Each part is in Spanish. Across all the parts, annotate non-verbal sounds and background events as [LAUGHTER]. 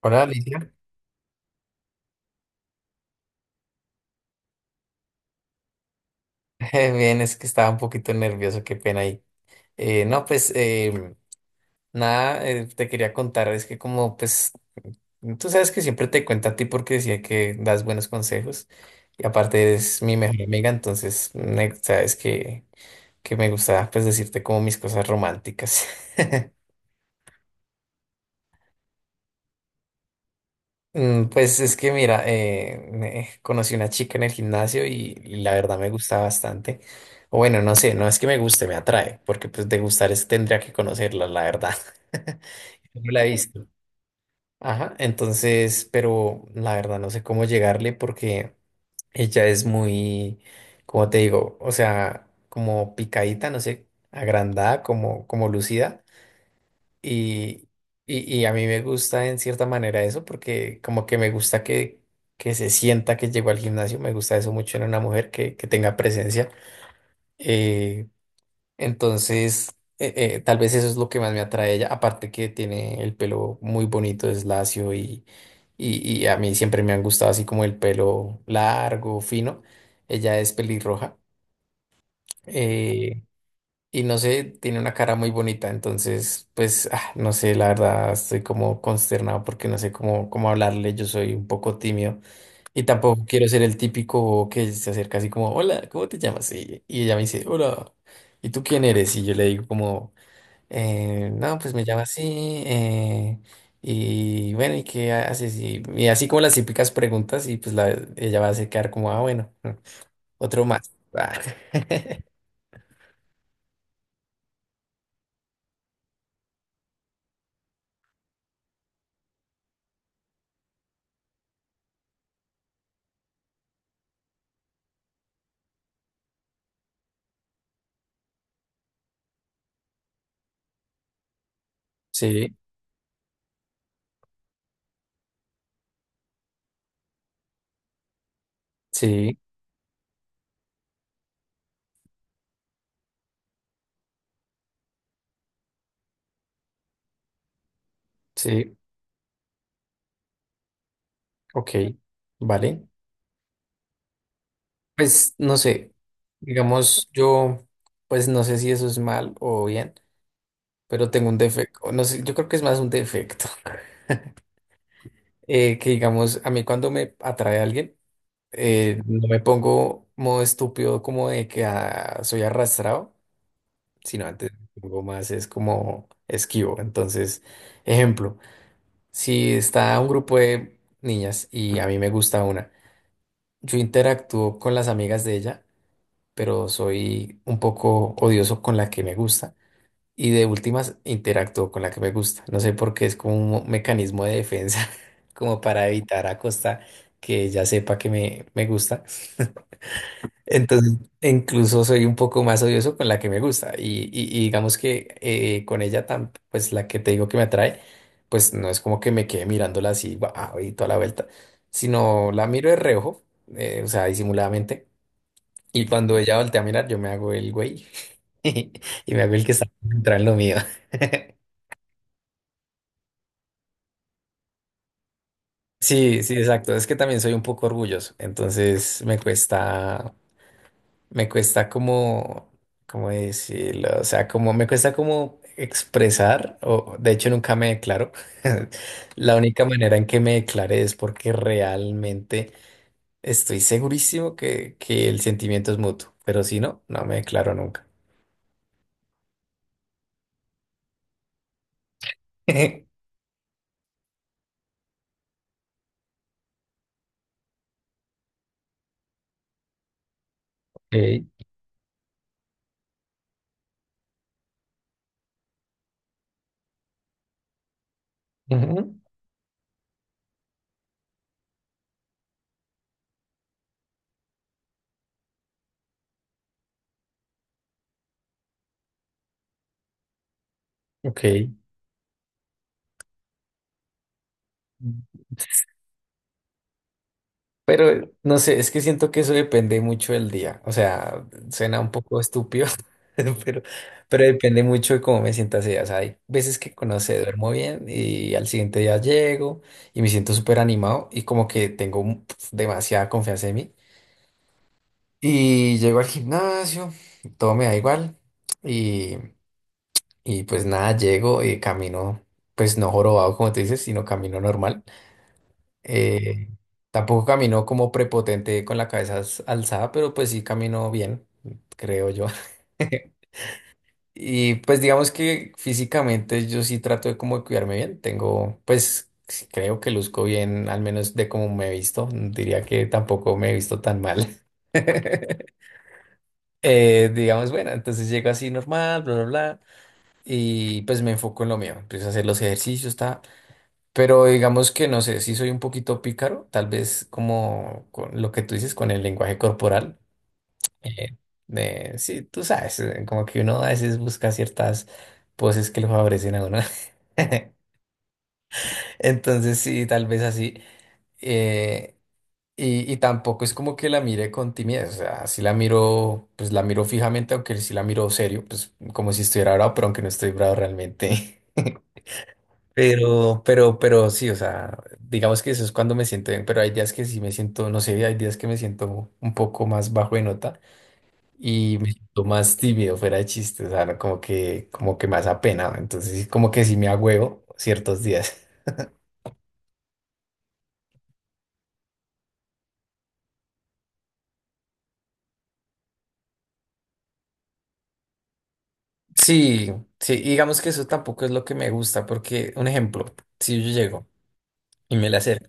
Hola, Alicia. [LAUGHS] Bien, es que estaba un poquito nervioso, qué pena ahí. No, pues nada, te quería contar, es que como pues tú sabes que siempre te cuento a ti porque decía que das buenos consejos y aparte eres mi mejor amiga, entonces sabes que me gusta pues decirte como mis cosas románticas. [LAUGHS] Mm. Pues es que mira, conocí una chica en el gimnasio y la verdad me gusta bastante. O bueno, no sé, no es que me guste, me atrae, porque pues de gustar es, tendría que conocerla, la verdad. [LAUGHS] No la he visto. Ajá, entonces, pero la verdad no sé cómo llegarle porque ella es muy, como te digo, o sea, como picadita, no sé, agrandada, como, como lucida. Y, y a mí me gusta en cierta manera eso porque como que me gusta que se sienta que llegó al gimnasio, me gusta eso mucho en una mujer que tenga presencia. Eh, entonces, tal vez eso es lo que más me atrae a ella, aparte que tiene el pelo muy bonito, es lacio y a mí siempre me han gustado así como el pelo largo, fino. Ella es pelirroja. eh, y no sé, tiene una cara muy bonita, entonces, pues, ah, no sé, la verdad, estoy como consternado porque no sé cómo, cómo hablarle, yo soy un poco tímido y tampoco quiero ser el típico que se acerca así como, "Hola, ¿cómo te llamas?". Y ella me dice, "Hola, ¿y tú quién eres?". Y yo le digo como, No, pues me llamo así, y bueno, ¿y qué haces?". Y así como las típicas preguntas y pues ella va a se quedar como, "Ah, bueno, [LAUGHS] otro más". [LAUGHS] Sí, sí, sí. Ok, vale. Pues no sé, digamos yo, pues no sé si eso es mal o bien, pero tengo un defecto, no sé, yo creo que es más un defecto. [LAUGHS] Que digamos, a mí cuando me atrae alguien, no me pongo modo estúpido como de que ah, soy arrastrado, sino antes me pongo más es como esquivo. Entonces, ejemplo, si está un grupo de niñas y a mí me gusta una, yo interactúo con las amigas de ella pero soy un poco odioso con la que me gusta. Y de últimas interactúo con la que me gusta. No sé por qué es como un mecanismo de defensa, [LAUGHS] como para evitar a costa que ella sepa que me gusta. Entonces, incluso soy un poco más odioso con la que me gusta. Y, y digamos que con ella, tan, pues la que te digo que me atrae, pues no es como que me quede mirándola así, guau, y toda la vuelta, sino la miro de reojo, o sea, disimuladamente y cuando ella voltea a mirar, yo me hago el güey. [LAUGHS] Y me hago el que está concentrado en lo mío. [LAUGHS] Sí, sí, exacto. Es que también soy un poco orgulloso. Entonces me cuesta como, ¿cómo decirlo? O sea, como me cuesta como expresar, o de hecho nunca me declaro. [LAUGHS] La única manera en que me declare es porque realmente estoy segurísimo que el sentimiento es mutuo. Pero si no, no me declaro nunca. [LAUGHS] Ok. Ujú. Ok. Pero no sé, es que siento que eso depende mucho del día. O sea, suena un poco estúpido, [LAUGHS] pero, pero depende mucho de cómo me sienta ese día. O sea, hay veces que, no sé, duermo bien y al siguiente día llego y me siento súper animado y como que tengo pf, demasiada confianza en mí. Y llego al gimnasio, todo me da igual y, y pues nada, llego y camino, pues no jorobado como te dices, sino camino normal. Eh, Tampoco caminó como prepotente con la cabeza alzada, pero pues sí caminó bien, creo yo. [LAUGHS] Y pues digamos que físicamente yo sí trato de como de cuidarme bien. Tengo, pues sí creo que luzco bien, al menos de cómo me he visto. Diría que tampoco me he visto tan mal. [LAUGHS] Digamos, bueno, entonces llego así normal, bla, bla, bla. Y pues me enfoco en lo mío. Empiezo a hacer los ejercicios, ta. Pero digamos que no sé, si soy un poquito pícaro, tal vez como con lo que tú dices con el lenguaje corporal. eh, sí, tú sabes, como que uno a veces busca ciertas poses que lo favorecen a uno. [LAUGHS] Entonces sí, tal vez así. eh, y tampoco es como que la mire con timidez, o sea, si la miro, pues la miro fijamente, aunque si la miro serio, pues como si estuviera bravo, pero aunque no estoy bravo realmente. [LAUGHS] Pero sí, o sea, digamos que eso es cuando me siento bien, pero hay días que sí me siento, no sé, hay días que me siento un poco más bajo de nota y me siento más tímido, fuera de chiste, o sea, no, como que más apenado, entonces sí, como que sí me agüeo ciertos días. [LAUGHS] Sí, sí, y digamos que eso tampoco es lo que me gusta, porque un ejemplo, si yo llego y me la acerco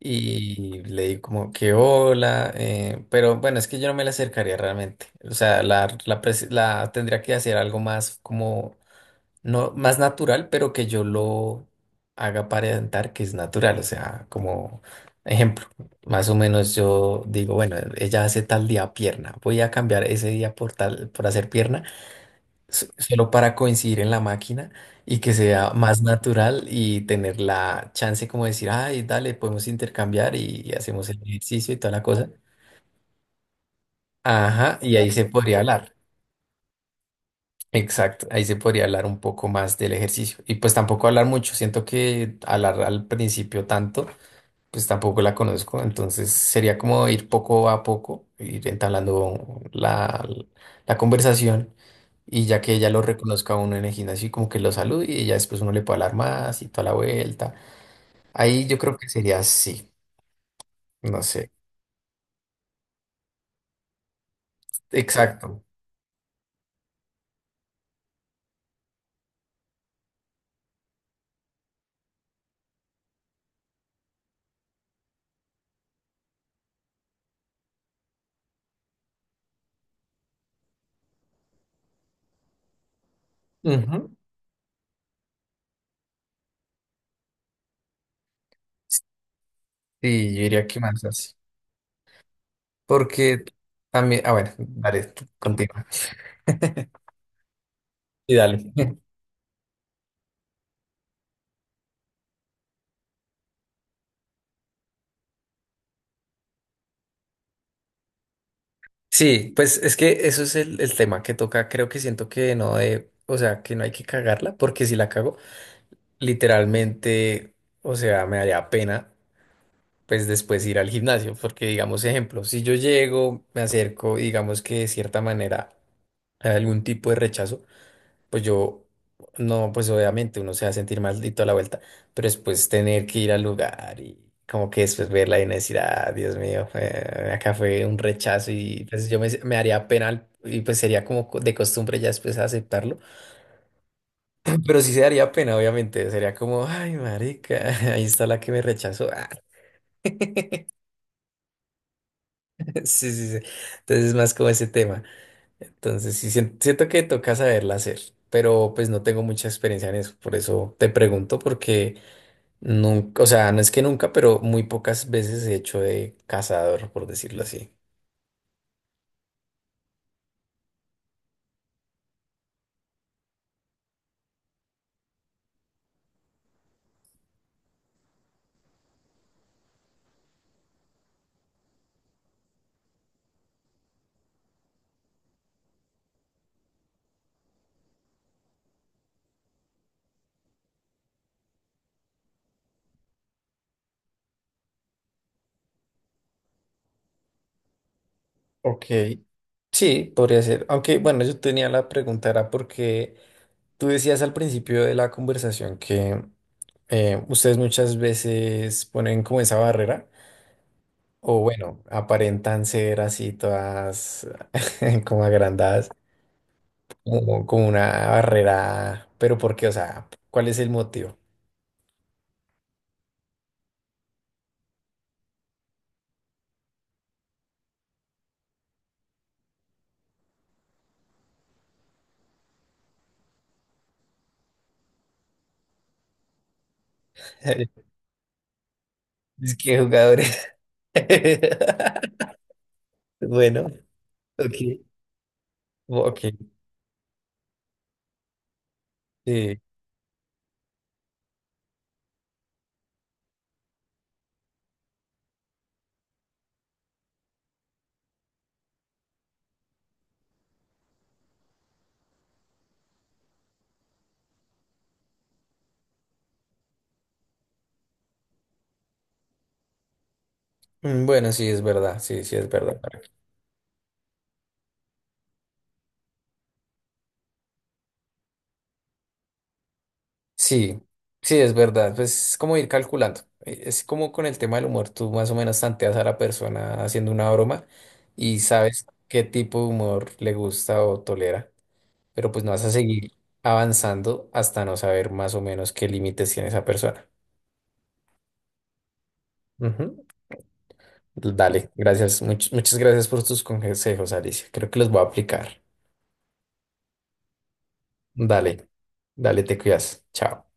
y le di como que hola, pero bueno, es que yo no me la acercaría realmente. O sea, la tendría que hacer algo más como, no, más natural, pero que yo lo haga aparentar que es natural. O sea, como ejemplo, más o menos yo digo, bueno, ella hace tal día pierna, voy a cambiar ese día por tal, por hacer pierna solo para coincidir en la máquina y que sea más natural y tener la chance como de decir, ay, dale, podemos intercambiar y hacemos el ejercicio y toda la cosa. Ajá, y ahí se podría hablar. Exacto, ahí se podría hablar un poco más del ejercicio. Y pues tampoco hablar mucho, siento que hablar al principio tanto pues tampoco la conozco, entonces sería como ir poco a poco, ir entablando la conversación y ya que ella lo reconozca a uno en el gimnasio y como que lo salude y ya después uno le puede hablar más y toda la vuelta. Ahí yo creo que sería así, no sé, exacto. Ujú. Sí, yo diría que más así, porque también, ah bueno, dale, tú continúa. [LAUGHS] Y dale. Sí, pues es que eso es el tema que toca. Creo que siento que no de, o sea, que no hay que cagarla, porque si la cago, literalmente, o sea, me daría pena, pues después ir al gimnasio, porque digamos, ejemplo, si yo llego, me acerco, y digamos que de cierta manera hay algún tipo de rechazo, pues yo, no, pues obviamente uno se va a sentir mal y toda la vuelta, pero después tener que ir al lugar y como que después verla y no decir, ah, Dios mío, acá fue un rechazo y pues yo me, me daría pena y pues sería como de costumbre ya después aceptarlo, [CLEARS THROAT] pero sí se daría pena, obviamente, sería como, ay, marica, [LAUGHS] ahí está la que me rechazó, ah, [LAUGHS] sí, sí, sí, entonces es más como ese tema, entonces sí, siento que toca saberla hacer. Pero pues no tengo mucha experiencia en eso, por eso te pregunto, porque nunca, o sea, no es que nunca, pero muy pocas veces he hecho de cazador, por decirlo así. Ok. Sí, podría ser. Aunque, bueno, yo tenía la pregunta, era porque tú decías al principio de la conversación que ustedes muchas veces ponen como esa barrera, o bueno, aparentan ser así todas [LAUGHS] como agrandadas, como, como una barrera, pero ¿por qué? O sea, ¿cuál es el motivo? [LAUGHS] Es que jugadores. [LAUGHS] Bueno. Ok, ok, sí. Mm, bueno, sí, es verdad, sí, sí, es verdad. Sí, sí, es verdad. Pues es como ir calculando. Es como con el tema del humor, tú más o menos tanteas a la persona haciendo una broma y sabes qué tipo de humor le gusta o tolera, pero pues no vas a seguir avanzando hasta no saber más o menos qué límites tiene esa persona. Ujú. Dale, gracias. Muchas gracias por tus consejos, Alicia. Creo que los voy a aplicar. Dale, dale, te cuidas. Chao.